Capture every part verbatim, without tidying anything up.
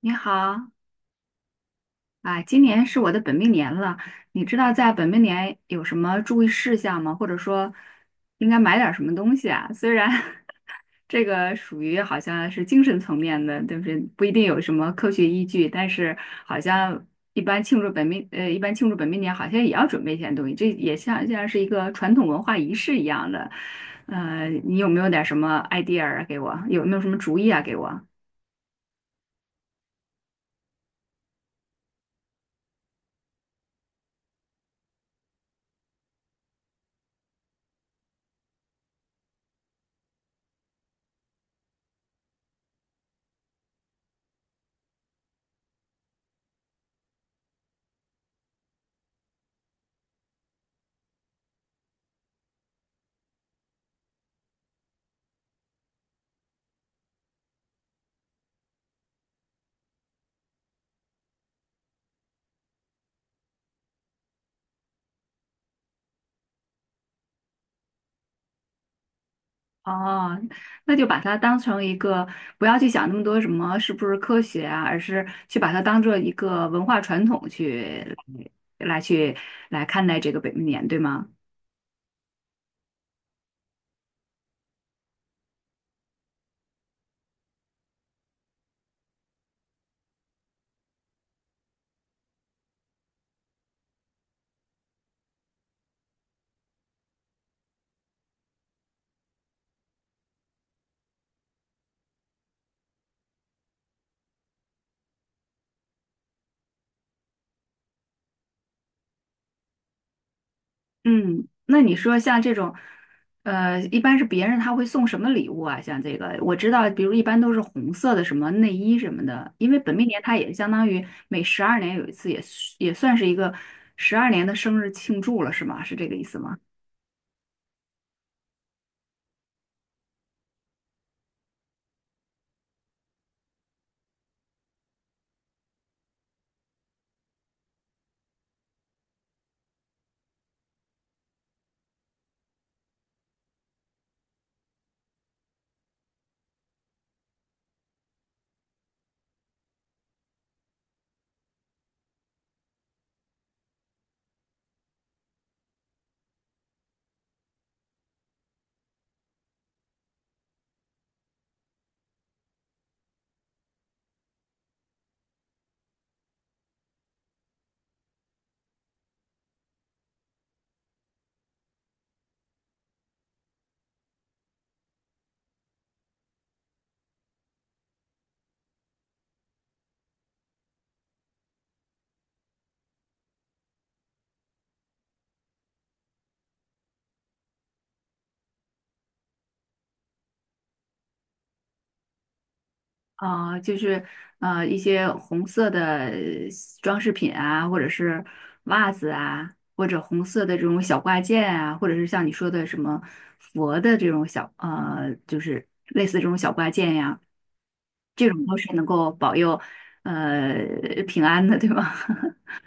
你好啊，今年是我的本命年了，你知道在本命年有什么注意事项吗？或者说应该买点儿什么东西啊？虽然 这个属于好像是精神层面的，对不对？不一定有什么科学依据，但是好像一般庆祝本命呃，一般庆祝本命年好像也要准备一些东西，这也像像是一个传统文化仪式一样的。呃，你有没有点儿什么 idea 啊给我？有没有什么主意啊给我？哦，那就把它当成一个，不要去想那么多什么是不是科学啊，而是去把它当做一个文化传统去来来去来看待这个本命年，对吗？嗯，那你说像这种，呃，一般是别人他会送什么礼物啊？像这个，我知道，比如一般都是红色的什么内衣什么的，因为本命年它也相当于每十二年有一次也，也算是一个十二年的生日庆祝了，是吗？是这个意思吗？啊，就是呃一些红色的装饰品啊，或者是袜子啊，或者红色的这种小挂件啊，或者是像你说的什么佛的这种小呃，就是类似这种小挂件呀，这种都是能够保佑呃平安的，对吧？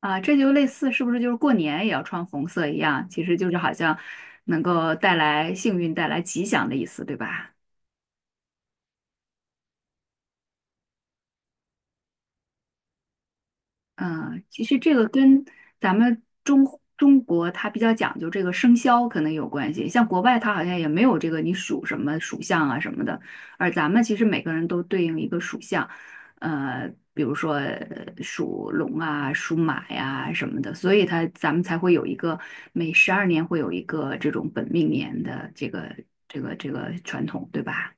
啊，这就类似是不是就是过年也要穿红色一样？其实就是好像能够带来幸运、带来吉祥的意思，对吧？嗯，其实这个跟咱们中中国它比较讲究这个生肖可能有关系，像国外它好像也没有这个你属什么属相啊什么的，而咱们其实每个人都对应一个属相，呃，比如说呃属龙啊、属马呀、什么的，所以它咱们才会有一个每十二年会有一个这种本命年的这个这个这个传统，对吧？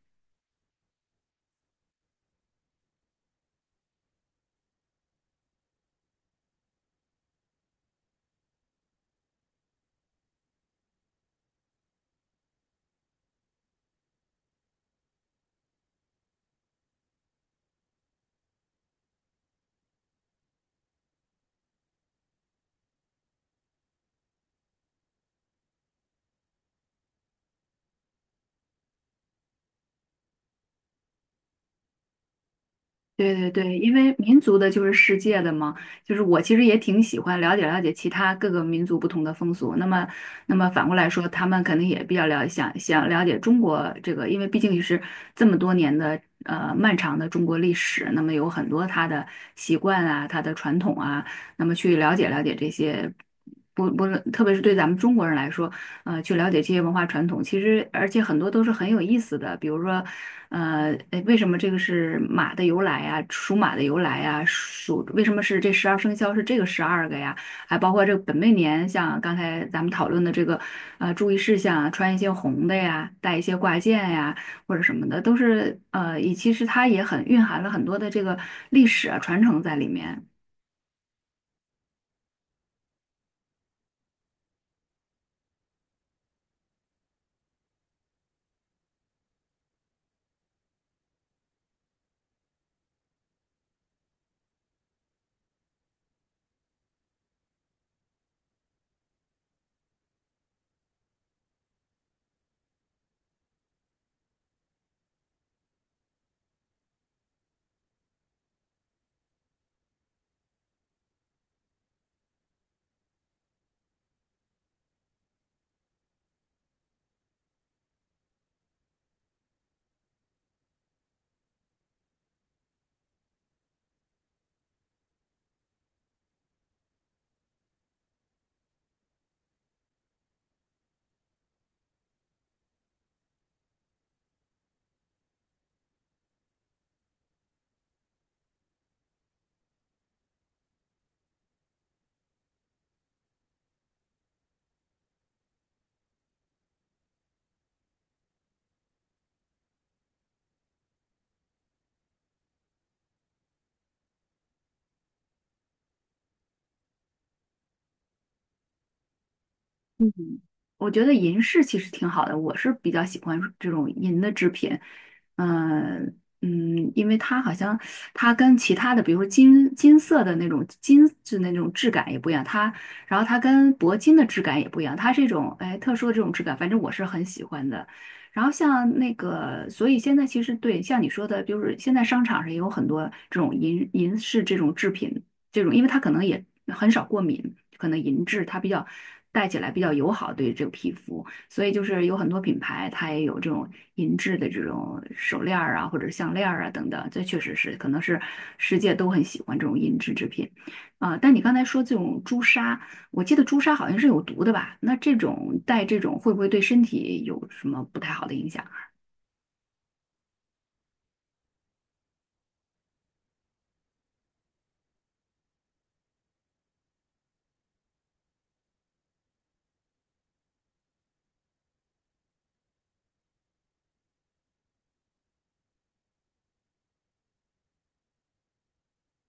对对对，因为民族的就是世界的嘛，就是我其实也挺喜欢了解了解其他各个民族不同的风俗。那么，那么反过来说，他们肯定也比较了想想了解中国这个，因为毕竟也是这么多年的呃漫长的中国历史，那么有很多他的习惯啊，他的传统啊，那么去了解了解这些。不不论，特别是对咱们中国人来说。呃，去了解这些文化传统。其实，而且很多都是很有意思的，比如说，呃，诶为什么这个是马的由来呀？属马的由来呀？属为什么是这十二生肖是这个十二个呀？还包括这个本命年，像刚才咱们讨论的这个，呃，注意事项啊，穿一些红的呀，戴一些挂件呀，或者什么的，都是呃，以其实它也很蕴含了很多的这个历史啊传承在里面。我觉得银饰其实挺好的，我是比较喜欢这种银的制品，嗯嗯，因为它好像它跟其他的，比如说金金色的那种金就那种质感也不一样，它然后它跟铂金的质感也不一样，它这种哎特殊的这种质感，反正我是很喜欢的。然后像那个，所以现在其实对像你说的，就是现在商场上也有很多这种银银饰这种制品。这种，因为它可能也很少过敏，可能银质它比较戴起来比较友好对这个皮肤，所以就是有很多品牌它也有这种银质的这种手链儿啊，或者项链儿啊等等，这确实是可能是世界都很喜欢这种银质制品啊、但你刚才说这种朱砂，我记得朱砂好像是有毒的吧？那这种戴这种会不会对身体有什么不太好的影响？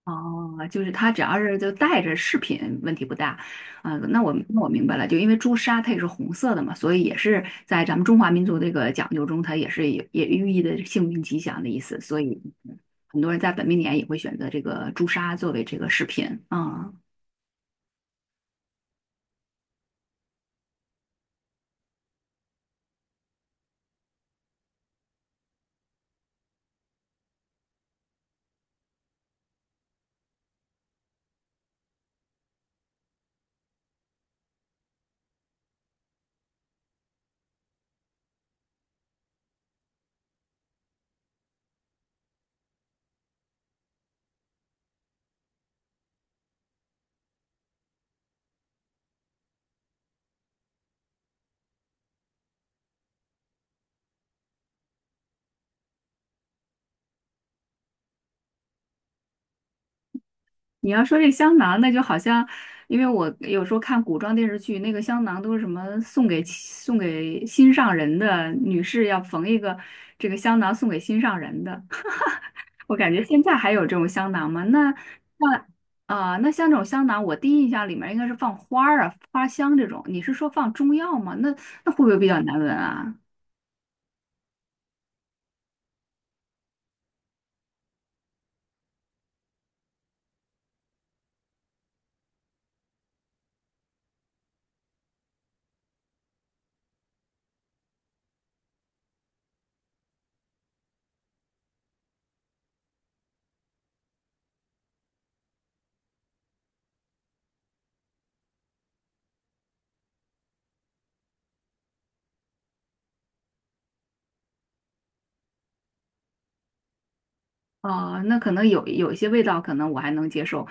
哦，就是它只要是就带着饰品，问题不大。啊、那我那我明白了，就因为朱砂它也是红色的嘛，所以也是在咱们中华民族这个讲究中，它也是也也寓意的幸运吉祥的意思。所以嗯很多人在本命年也会选择这个朱砂作为这个饰品。啊、你要说这香囊，那就好像，因为我有时候看古装电视剧，那个香囊都是什么送给送给心上人的，女士要缝一个这个香囊送给心上人的。我感觉现在还有这种香囊吗？那那啊、那像这种香囊，我第一印象里面应该是放花儿啊、花香这种。你是说放中药吗？那那会不会比较难闻啊？啊，那可能有有一些味道，可能我还能接受，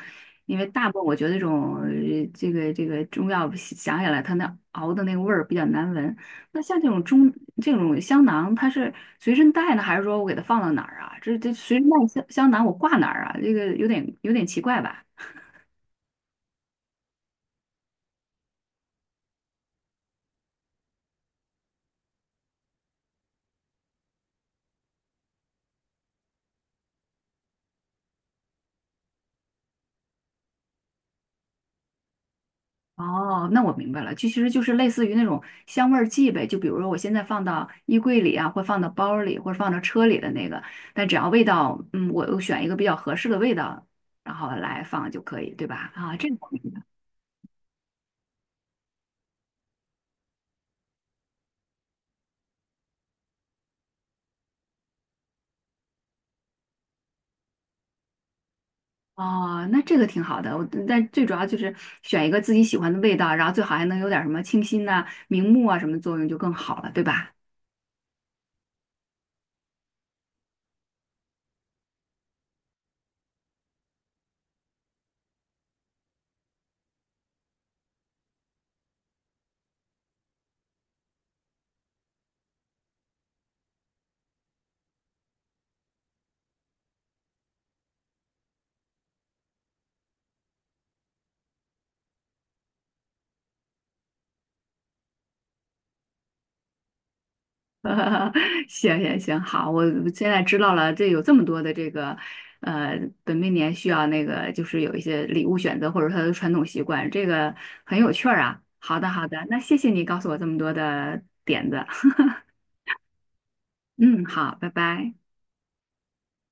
因为大部分我觉得这种呃这个这个中药想起来，它那熬的那个味儿比较难闻。那像这种中这种香囊，它是随身带呢，还是说我给它放到哪儿啊？这这随身带香香囊我挂哪儿啊？这个有点有点奇怪吧？哦，那我明白了，就其实就是类似于那种香味儿剂呗，就比如说我现在放到衣柜里啊，或放到包里，或者放到车里的那个，但只要味道，嗯，我我选一个比较合适的味道，然后来放就可以，对吧？啊，这个我明白哦，那这个挺好的，我但最主要就是选一个自己喜欢的味道，然后最好还能有点儿什么清新呐、明目啊什么作用就更好了，对吧？行行行，好，我现在知道了，这有这么多的这个，呃，本命年需要那个，就是有一些礼物选择，或者他的传统习惯，这个很有趣儿啊。好的，好的，那谢谢你告诉我这么多的点子。嗯，好，拜拜。